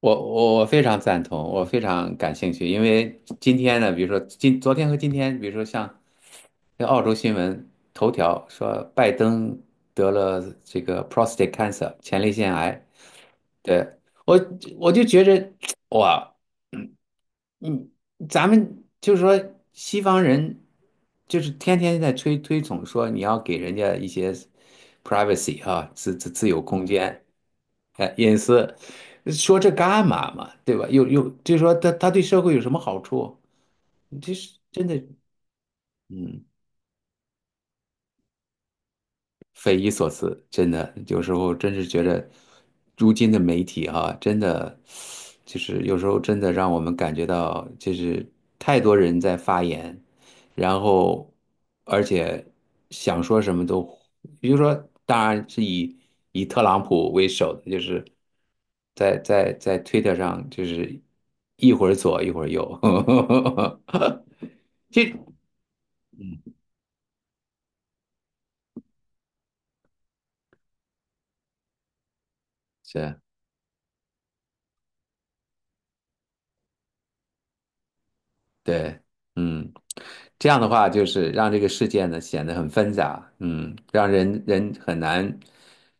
我非常赞同，我非常感兴趣，因为今天呢，比如说昨天和今天，比如说像那澳洲新闻头条说拜登得了这个 prostate cancer 前列腺癌，对，我我就觉着哇。嗯，咱们就是说，西方人就是天天在推崇说你要给人家一些 privacy 啊，自由空间，哎，隐私，说这干嘛嘛，对吧？又就是说他对社会有什么好处？这是真的，嗯匪夷所思，真的，有时候真是觉得，如今的媒体哈、真的，就是有时候真的让我们感觉到，就是太多人在发言，然后，而且想说什么都，比如说，当然是以特朗普为首的，就是在推特上，就是一会儿左一会儿右，这是。对，嗯，这样的话就是让这个世界呢显得很纷杂，让人很难。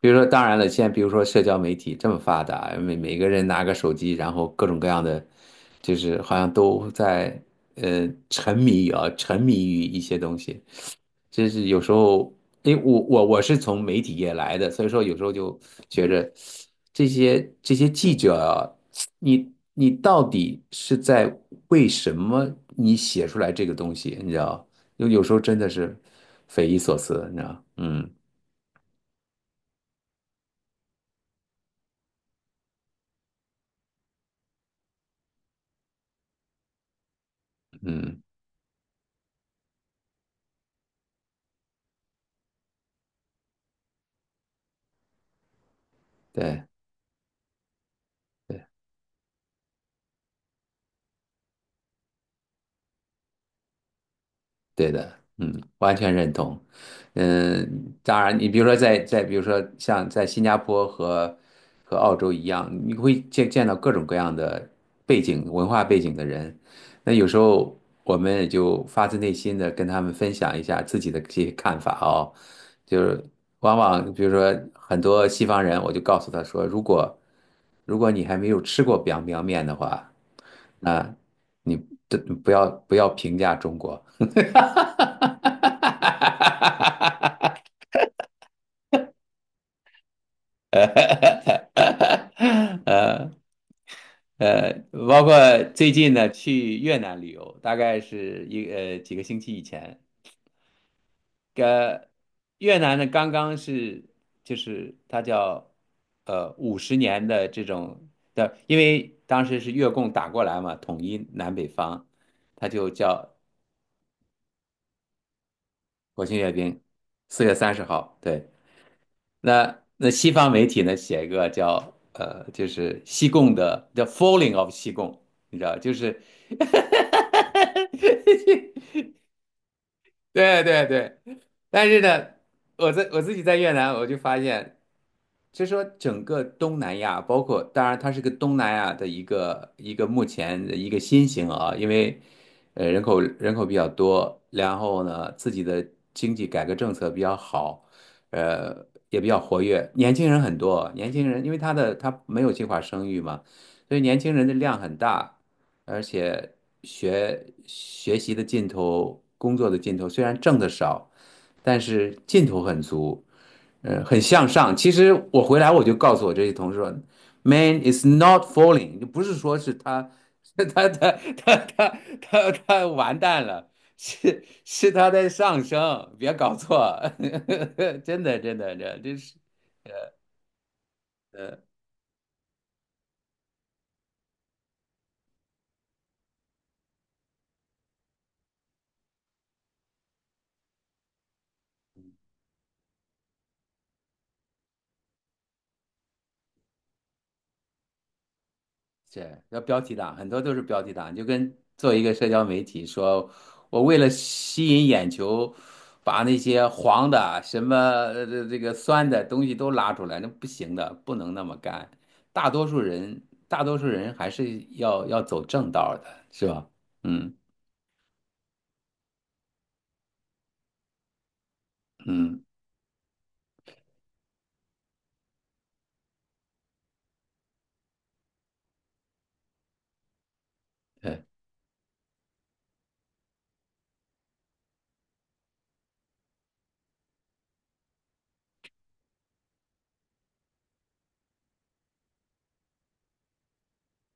比如说，当然了，现在比如说社交媒体这么发达，每个人拿个手机，然后各种各样的，就是好像都在沉迷啊，沉迷于一些东西。真是有时候，因为我是从媒体业来的，所以说有时候就觉着这些记者啊，你到底是在为什么你写出来这个东西，你知道？有时候真的是匪夷所思，你知道？嗯嗯，对对。对的，嗯，完全认同。嗯，当然，你比如说在比如说像在新加坡和澳洲一样，你会见到各种各样的背景、文化背景的人。那有时候我们也就发自内心的跟他们分享一下自己的这些看法哦。就是往往比如说很多西方人，我就告诉他说，如果你还没有吃过 biang biang 面的话，啊，你这不要评价中国。呃呃，包括最近呢，去越南旅游，大概是几个星期以前，越南呢刚刚是就是它叫50年的这种的，因为当时是越共打过来嘛，统一南北方，它就叫国庆阅兵，4月30号。对，那西方媒体呢写一个叫就是西贡的叫 Falling of 西贡，你知道，就是 对对对，但是呢，我自己在越南，我就发现，就说整个东南亚，包括当然它是个东南亚的一个目前的一个新型啊，因为人口比较多，然后呢自己的经济改革政策比较好，也比较活跃，年轻人很多，年轻人因为他没有计划生育嘛，所以年轻人的量很大。而且学习的劲头、工作的劲头，虽然挣得少，但是劲头很足，很向上。其实我回来我就告诉我这些同事说，Man is not falling，就不是说是他，是他完蛋了，是他在上升，别搞错，真的真的这是。是要标题党，很多都是标题党，就跟做一个社交媒体说，我为了吸引眼球，把那些黄的、什么这个酸的东西都拉出来，那不行的，不能那么干。大多数人，大多数人还是要走正道的，是吧？嗯嗯，对。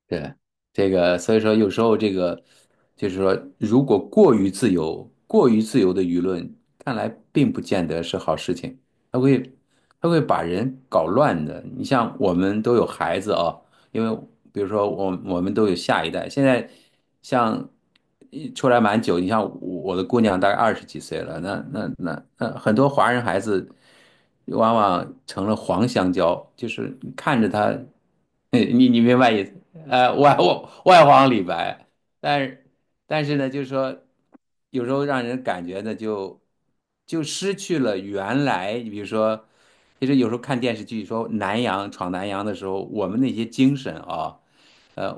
对，这个，所以说有时候这个，就是说，如果过于自由的舆论，看来并不见得是好事情，它会，它会把人搞乱的。你像我们都有孩子啊，因为比如说我们都有下一代，现在像一出来蛮久，你像我的姑娘大概20几岁了，那很多华人孩子往往成了黄香蕉，就是你看着他。你明白意思？外黄李白，但是呢，就是说，有时候让人感觉呢，就失去了原来，你比如说，其实有时候看电视剧说南洋闯南洋的时候，我们那些精神啊，呃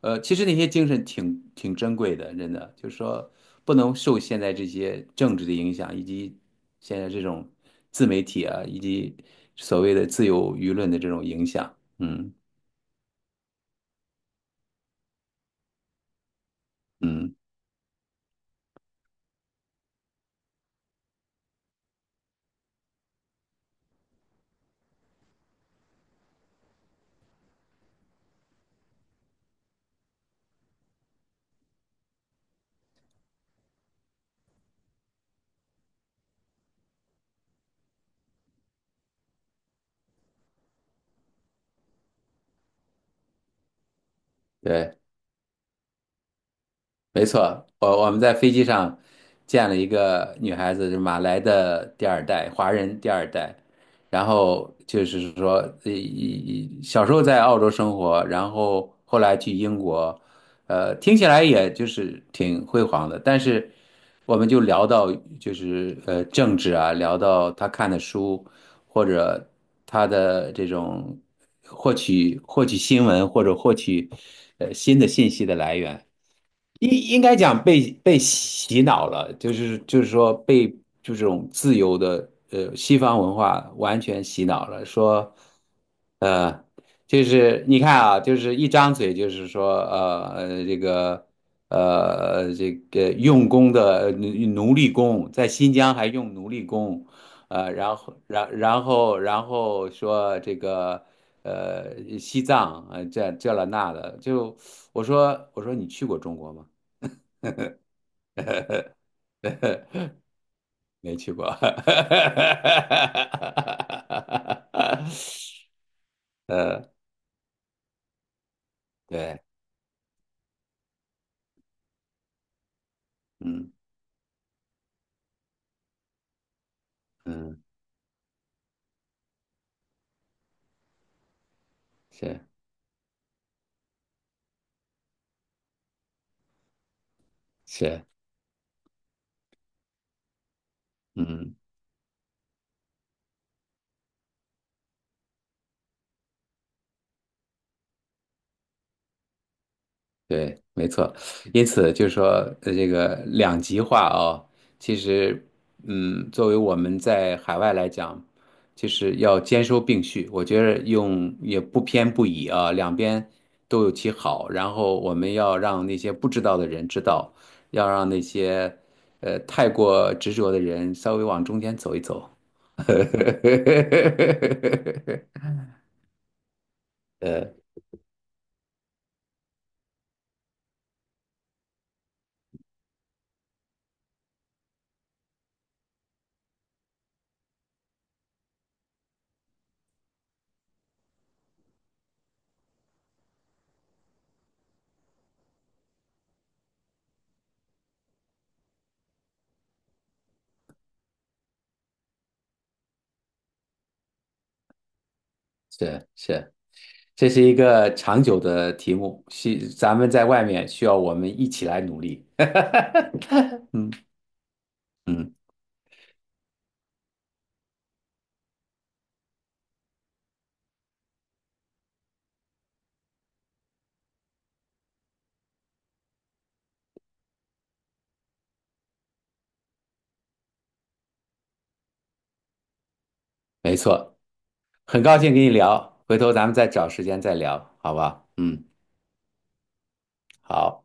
其实那些精神挺珍贵的，真的，就是说不能受现在这些政治的影响，以及现在这种自媒体啊，以及所谓的自由舆论的这种影响，嗯。嗯，对，没错，我们在飞机上见了一个女孩子，是马来的第二代，华人第二代。然后就是说，小时候在澳洲生活，然后后来去英国，听起来也就是挺辉煌的。但是我们就聊到就是政治啊，聊到他看的书，或者他的这种获取新闻或者获取新的信息的来源。应应该讲被洗脑了，就是说被就这种自由的西方文化完全洗脑了，说，呃，就是你看啊，就是一张嘴就是说这个用工的奴隶工，在新疆还用奴隶工，然后说这个。西藏，这了那的，就我说你去过中国吗？没去过。对，嗯嗯，是是，嗯。对，没错。因此就是说，这个两极化啊、其实，嗯，作为我们在海外来讲，就是要兼收并蓄。我觉得用也不偏不倚啊，两边都有其好。然后我们要让那些不知道的人知道，要让那些太过执着的人稍微往中间走一走。呃，是是。这是一个长久的题目，需咱们在外面需要我们一起来努力。嗯，没错，很高兴跟你聊，回头咱们再找时间再聊，好吧？嗯，好。